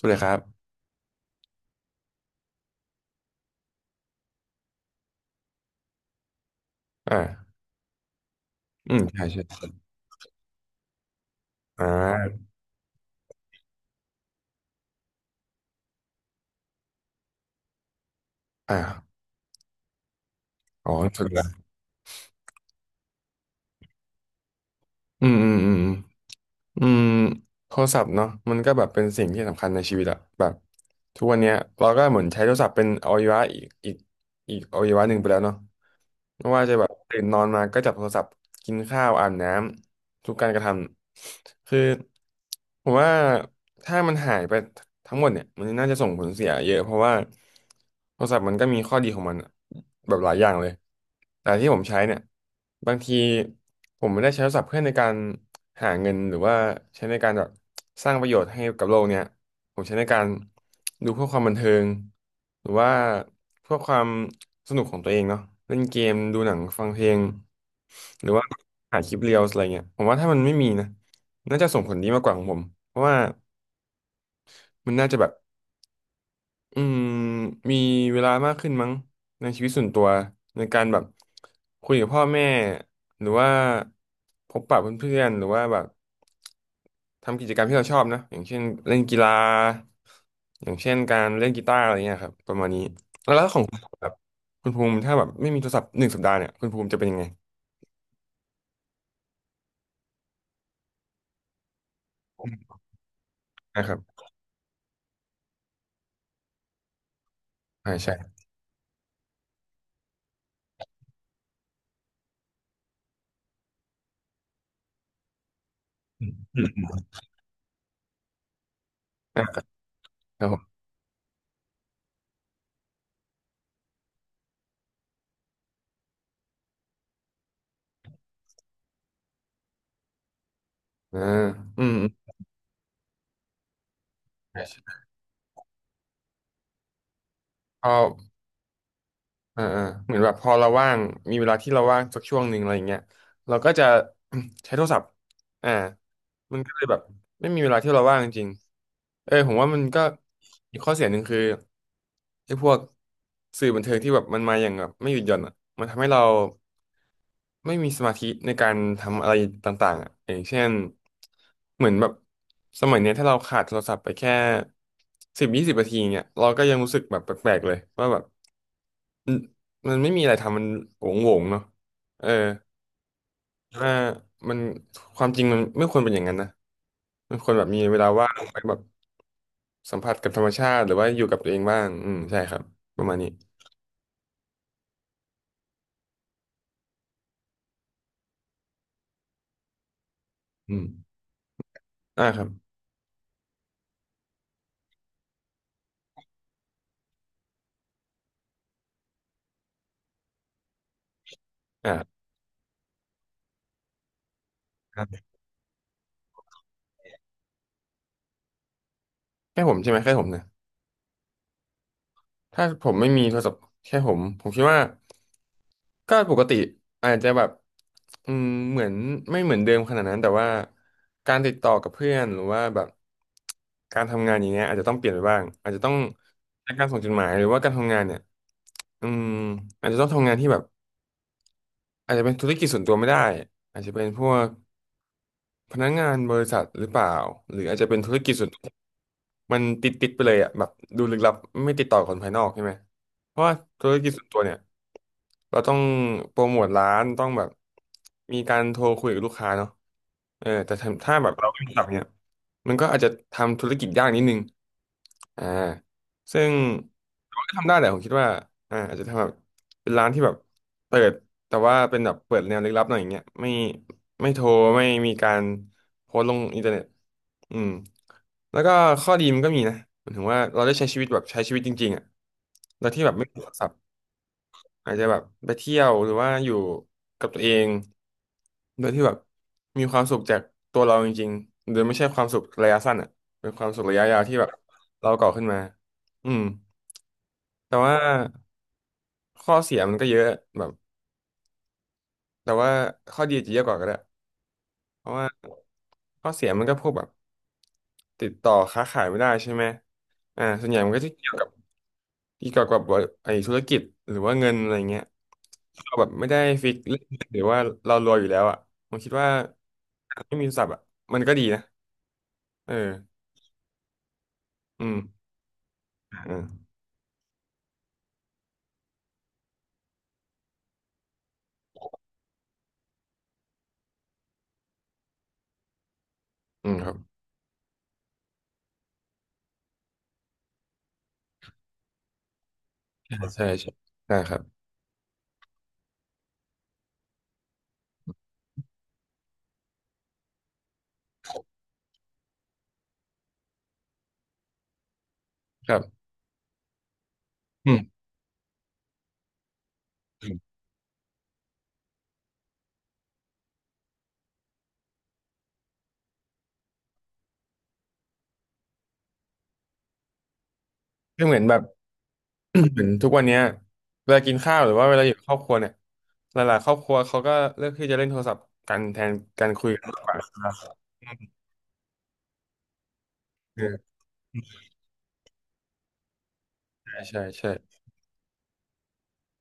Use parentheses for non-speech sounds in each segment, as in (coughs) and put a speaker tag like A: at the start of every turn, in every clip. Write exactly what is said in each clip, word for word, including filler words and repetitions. A: สุดเลยครับอ่าอืมใช่ใช่อ่าอ่าอ๋อสุดละอืมอืมอืม อืมอืมโทรศัพท์เนาะมันก็แบบเป็นสิ่งที่สำคัญในชีวิตอะแบบทุกวันเนี้ยเราก็เหมือนใช้โทรศัพท์เป็นอวัยวะอีกอีกอีกอวัยวะหนึ่งไปแล้วเนาะ ไม่ว่าจะแบบตื่นนอนมาก็จับโทรศัพท์กินข้าวอาบน้ำทุกการกระทำคือผมว่าถ้ามันหายไปทั้งหมดเนี่ยมันน่าจะส่งผลเสียเยอะเพราะว่าโทรศัพท์มันก็มีข้อดีของมันอะแบบหลายอย่างเลยแต่ที่ผมใช้เนี่ยบางทีผมไม่ได้ใช้โทรศัพท์เพื่อในการหาเงินหรือว่าใช้ในการแบบสร้างประโยชน์ให้กับโลกเนี่ย ผมใช้ในการดูเพื่อความบันเทิงหรือว่าเพื่อความสนุกของตัวเองเนาะเล่นเกมดูหนังฟังเพลงหรือว่าหาคลิปเรียลอะไรเงี้ยผมว่าถ้ามันไม่มีนะน่าจะส่งผลดีมากกว่าของผมเพราะว่ามันน่าจะแบบ อืมมีเวลามากขึ้นมั้งในชีวิตส่วนตัวในการแบบคุยกับพ่อแม่หรือว่าพบปะเพื่อนๆหรือว่าแบบทำกิจกรรมที่เราชอบนะอย่างเช่นเล่นกีฬาอย่างเช่นการเล่นกีตาร์อะไรเงี้ยครับประมาณนี้แล้วของคุณแบบคุณภูมิถ้าแบบไม่มีโทรศัพท์หนึ่งสัปดาห์เนี่ยคุณภูมิจะเป็นยังไงนะครับอ่าใช่อมอ่าครับผมอ่าอืมอืมใช่ใช่พอ อ่าอ่าเหมือนแบบพอเราว่างมีเวลาที่เราว่างสักช่วงหนึ่งอะไรอย่างเงี้ยเราก็จะ (clears throat) ใช้โทรศัพท์อ่ามันก็เลยแบบไม่มีเวลาที่เราว่างจริงๆเออผมว่ามันก็อีกข้อเสียหนึ่งคือไอ้พวกสื่อบันเทิงที่แบบมันมาอย่างแบบไม่หยุดหย่อนอ่ะมันทำให้เราไม่มีสมาธิในการทำอะไรต่างๆอ่ะอย่างเช่นเหมือนแบบสมัยเนี้ยถ้าเราขาดโทรศัพท์ไปแค่สิบ ยี่สิบ นาทีเนี่ยเราก็ยังรู้สึกแบบแปลกๆเลยว่าแบบ อืมมันไม่มีอะไรทำมันโงงๆเนาะเออว่ามันความจริงมันไม่ควรเป็นอย่างนั้นนะมันควรแบบมีเวลาว่างไปแบบสัมผัสกับธรรมชาติหรือว่าอยู่กับตัวเองบ้างอืมใช่ครับประมาณนี้อืมอ่าครับอ่าครับแค่ผมใช่ไหมแค่ผมนะ ถ้าผมไม่มีโทรศัพท์แค่ผมผมคิดว่าก็ปกติอาจจะแบบอืมเหมือนไม่เหมือนเดิมขนาดนั้นแต่ว่าการติดต่อกับเพื่อนหรือว่าแบบการทำงานอย่างเงี้ยอาจจะต้องเปลี่ยนไปบ้างอาจจะต้องใช้การส่งจดหมายหรือว่าการทำงานเนี่ยอืมอาจจะต้องทำงานที่แบบอาจจะเป็นธุรกิจส่วนตัวไม่ได้อาจจะเป็นพวกพนักงานบริษัทหรือเปล่าหรืออาจจะเป็นธุรกิจส่วนตัว มันติดติดไปเลยอ่ะแบบดูลึกลับไม่ติดต่อกับคนภายนอกใช่ไหมเพราะว่าธุรกิจส่วนตัวเนี่ยเราต้องโปรโมทร้านต้องแบบมีการโทรคุยกับลูกค้าเนาะเออแต่ถ้าถ้าแบบเราเป็นสับเนี่ยมันก็อาจจะทำธุรกิจยากนิดนึงอ่าซึ่งก็ทำได้แหละผมคิดว่าอ่าอาจจะทำแบบเป็นร้านที่แบบเปิด แต่ว่าเป็นแบบเปิดแนวลึกลับหน่อยอย่างเงี้ยไม่ไม่โทรไม่มีการโพสต์ลงอินเทอร์เน็ตอืมแล้วก็ข้อดีมันก็มีนะหมายถึงว่าเราได้ใช้ชีวิตแบบใช้ชีวิตจริงๆอ่ะโดยที่แบบไม่ติดขัดสับอาจจะแบบไปเที่ยวหรือว่าอยู่กับตัวเองโดยที่แบบมีความสุขจากตัวเราจริงๆโดยไม่ใช่ความสุขระยะสั้นอ่ะเป็นความสุขระยะยาวที่แบบเราก่อขึ้นมาอืมแต่ว่าข้อเสียมันก็เยอะแบบแต่ว่าข้อดีอาจจะเยอะกว่าก็ได้เพราะว่า ข้อเสียมันก็พวกแบบติดต่อค้าขายไม่ได้ใช่ไหมอ่าส่วนใหญ่มันก็จะเกี่ยวกับอีกเกี่ยวกับไอ้ธุรกิจหรือว่าเงินอะไรเงี้ยเราแบบไม่ได้ฟิกเรื่องเงินหรือว่าเรารวยอยู่แล้วอ่ะผมคิดว่าไม่มีศัพท์อ่ะมันก็ดีนะเอออืมอืมอืมครับใช่ใช่ใช่ได้ครับครับอืมอืมก็เหมือนแบบ (coughs) (clears throat) เหมือนทุกวันเนี้ยเวลากินข้าวหรือว่าเวลาอยู่กับครอบครัวเนี่ยหลายๆครอบครัวเขาก็เลือกที่จะเล่นโทรศัพท์กันแทนการคุยกันมากกว่าเออใช่ใช่ใช่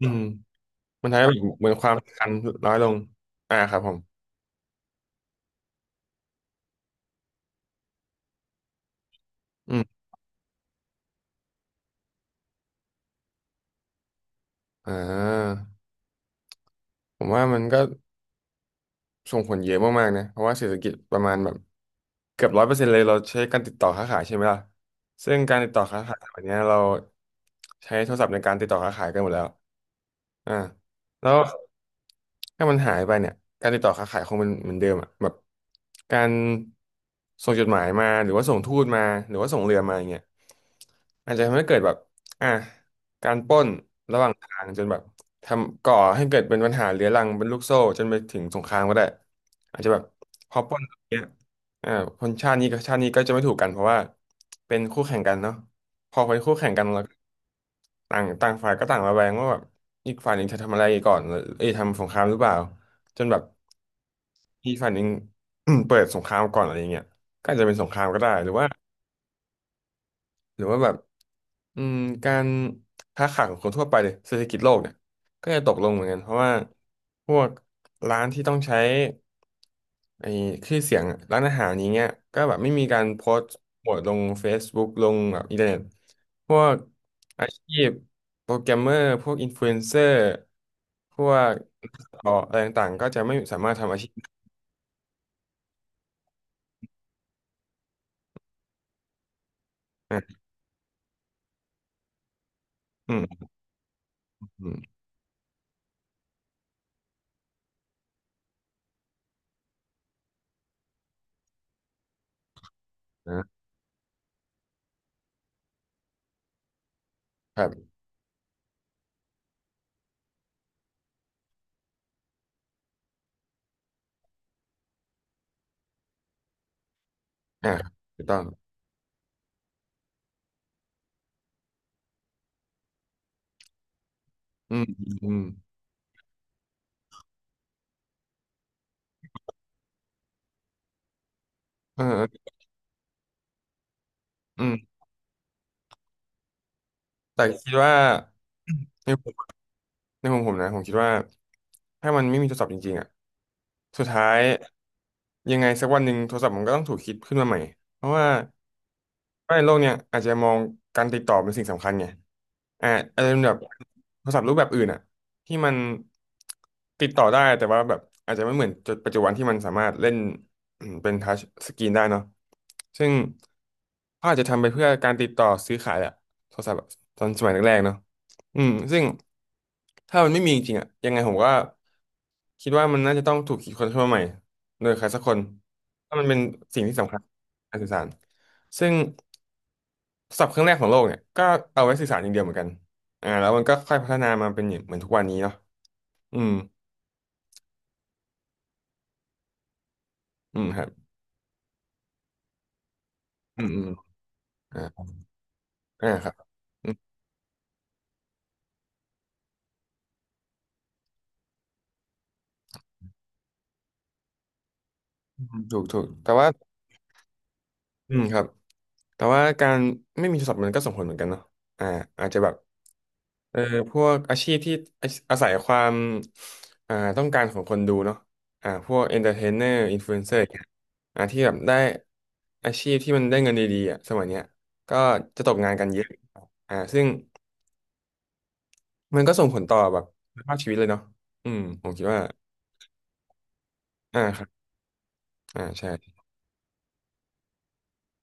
A: อืมมันทำให้แบบเหมือนความสำคันน้อยลงอ่าครับผมอืมอ่าผมว่ามันก็ ส่งผลเยอะมากๆนะเพราะว่าเศรษฐกิจประมาณแบบเกือบร้อยเปอร์เซ็นต์เลยเราใช้การติดต่อค้าขายใช่ไหมล่ะซึ่งการติดต่อค้าขายวันนี้เราใช้โทรศัพท์ในการติดต่อค้าขายกันหมดแล้วอ่าแล้วถ้ามันหายไปเนี่ยการติดต่อค้าขายคงเป็นเหมือนเดิมอ่ะแบบการส่งจดหมายมาหรือว่าส่งทูตมาหรือว่าส่งเรือมาอย่างเงี้ยอาจจะทำให้เกิดแบบอ่ะ การปล้นระหว่างทางจนแบบทำก่อให้เกิดเป็นปัญหาเรื้อรังเป็นลูกโซ่จนไปถึงสงครามก็ได้อาจจะแบบพอปล้นแบบเนี้ยอ่าคนชาตินี้กับชาตินี้ก็จะไม่ถูกกันเพราะว่าเป็นคู่แข่งกันเนาะพอเป็นคู่แข่งกันแล้วต่างต่างฝ่ายก็ต่างระแวงว่าแบบอีกฝ่ายหนึ่งจะทำอะไรก่อนเอ้ยทำสงครามหรือเปล่าจนแบบอีกฝ่ายหนึ่ง (clears throat) เปิดสงครามก่อนอะไรอย่างเงี้ยก็อาจจะเป็นสงครามก็ได้หรือว่าหรือว่าแบบ อืมการค้าขายของคนทั่วไปเลยเศรษฐกิจโลกเนี่ยก็จะตกลงเหมือนกันเพราะว่าพวกร้านที่ต้องใช้ไอ้ชื่อเสียงอะร้านอาหารอย่างเงี้ยก็แบบไม่มีการโพสต์โปรโมทลง เฟซบุ๊ก ลงแบบอินเทอร์เน็ตพวกอาชีพโปรแกรมเมอร์พวกอินฟลูเอนเซอร์พวกอออะไรต่างๆก็จะไม่สามารถทำอาชีพอ่ะอืมอืมนะครับอ่ะถูกต้องอืมอืมอืมเอออืมแต่คิดว่า ในมุมผมนะผมคิดว่าถ้ามันไม่มีโทรศัพท์จริงๆอ่ะสุดท้ายยังไงสักวันหนึ่งโทรศัพท์มันก็ต้องถูกคิดขึ้นมาใหม่เพราะว่า ไม่โลกเนี่ยอาจจะมองการติดต่อเป็นสิ่งสำคัญไงอ่าอาจจะเป็นแบบโทรศัพท์รูปแบบอื่นอ่ะที่มันติดต่อได้แต่ว่าแบบอาจจะไม่เหมือนจุดปัจจุบันที่มันสามารถเล่นอืมเป็นทัชสกรีนได้เนาะซึ่งเขาอาจจะทำไปเพื่อการติดต่อซื้อขายแหละโทรศัพท์ตอนสมัยแรกๆเนาะอืมซึ่งถ้ามันไม่มีจริงๆอ่ะยังไงผมก็คิดว่ามันน่าจะต้องถูกคิดค้นขึ้นมาใหม่โดยใครสักคนถ้ามันเป็นสิ่งที่สำคัญการสื่อสารซึ่ง ศัพท์เครื่องแรกของโลกเนี่ยก็เอาไว้สื่อสารอย่างเดียวเหมือนกันอ่าแล้วมันก็ค่อยพัฒนามาเป็นอย่างเหมือนทุกวันนี้เนาะอืมอืมครับอืมอืมอ่าอ่าครับอืมอืมถูกถูกแต่ว่าอืมครับแต่ว่าการไม่มีโทรศัพท์มันก็ส่งผลเหมือนกันเนาะอ่าอาจจะแบบเออพวกอาชีพที่อาอาศัยความอ่าต้องการของคนดูเนาะอ่าพวกเอนเตอร์เทนเนอร์อินฟลูเอนเซอร์อย่างเงี้ยอ่าที่แบบได้อาชีพที่มันได้เงินดีๆอ่ะสมัยเนี้ยก็จะตกงานกันเยอะอ่าซึ่ง มันก็ส่งผลต่อแบบคุณภาพชีวิตเลยเนาะอืมผมคิดว่าอ่าครับอ่าใช่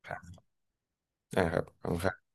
A: ครับอ่าครับขอบคุณครับ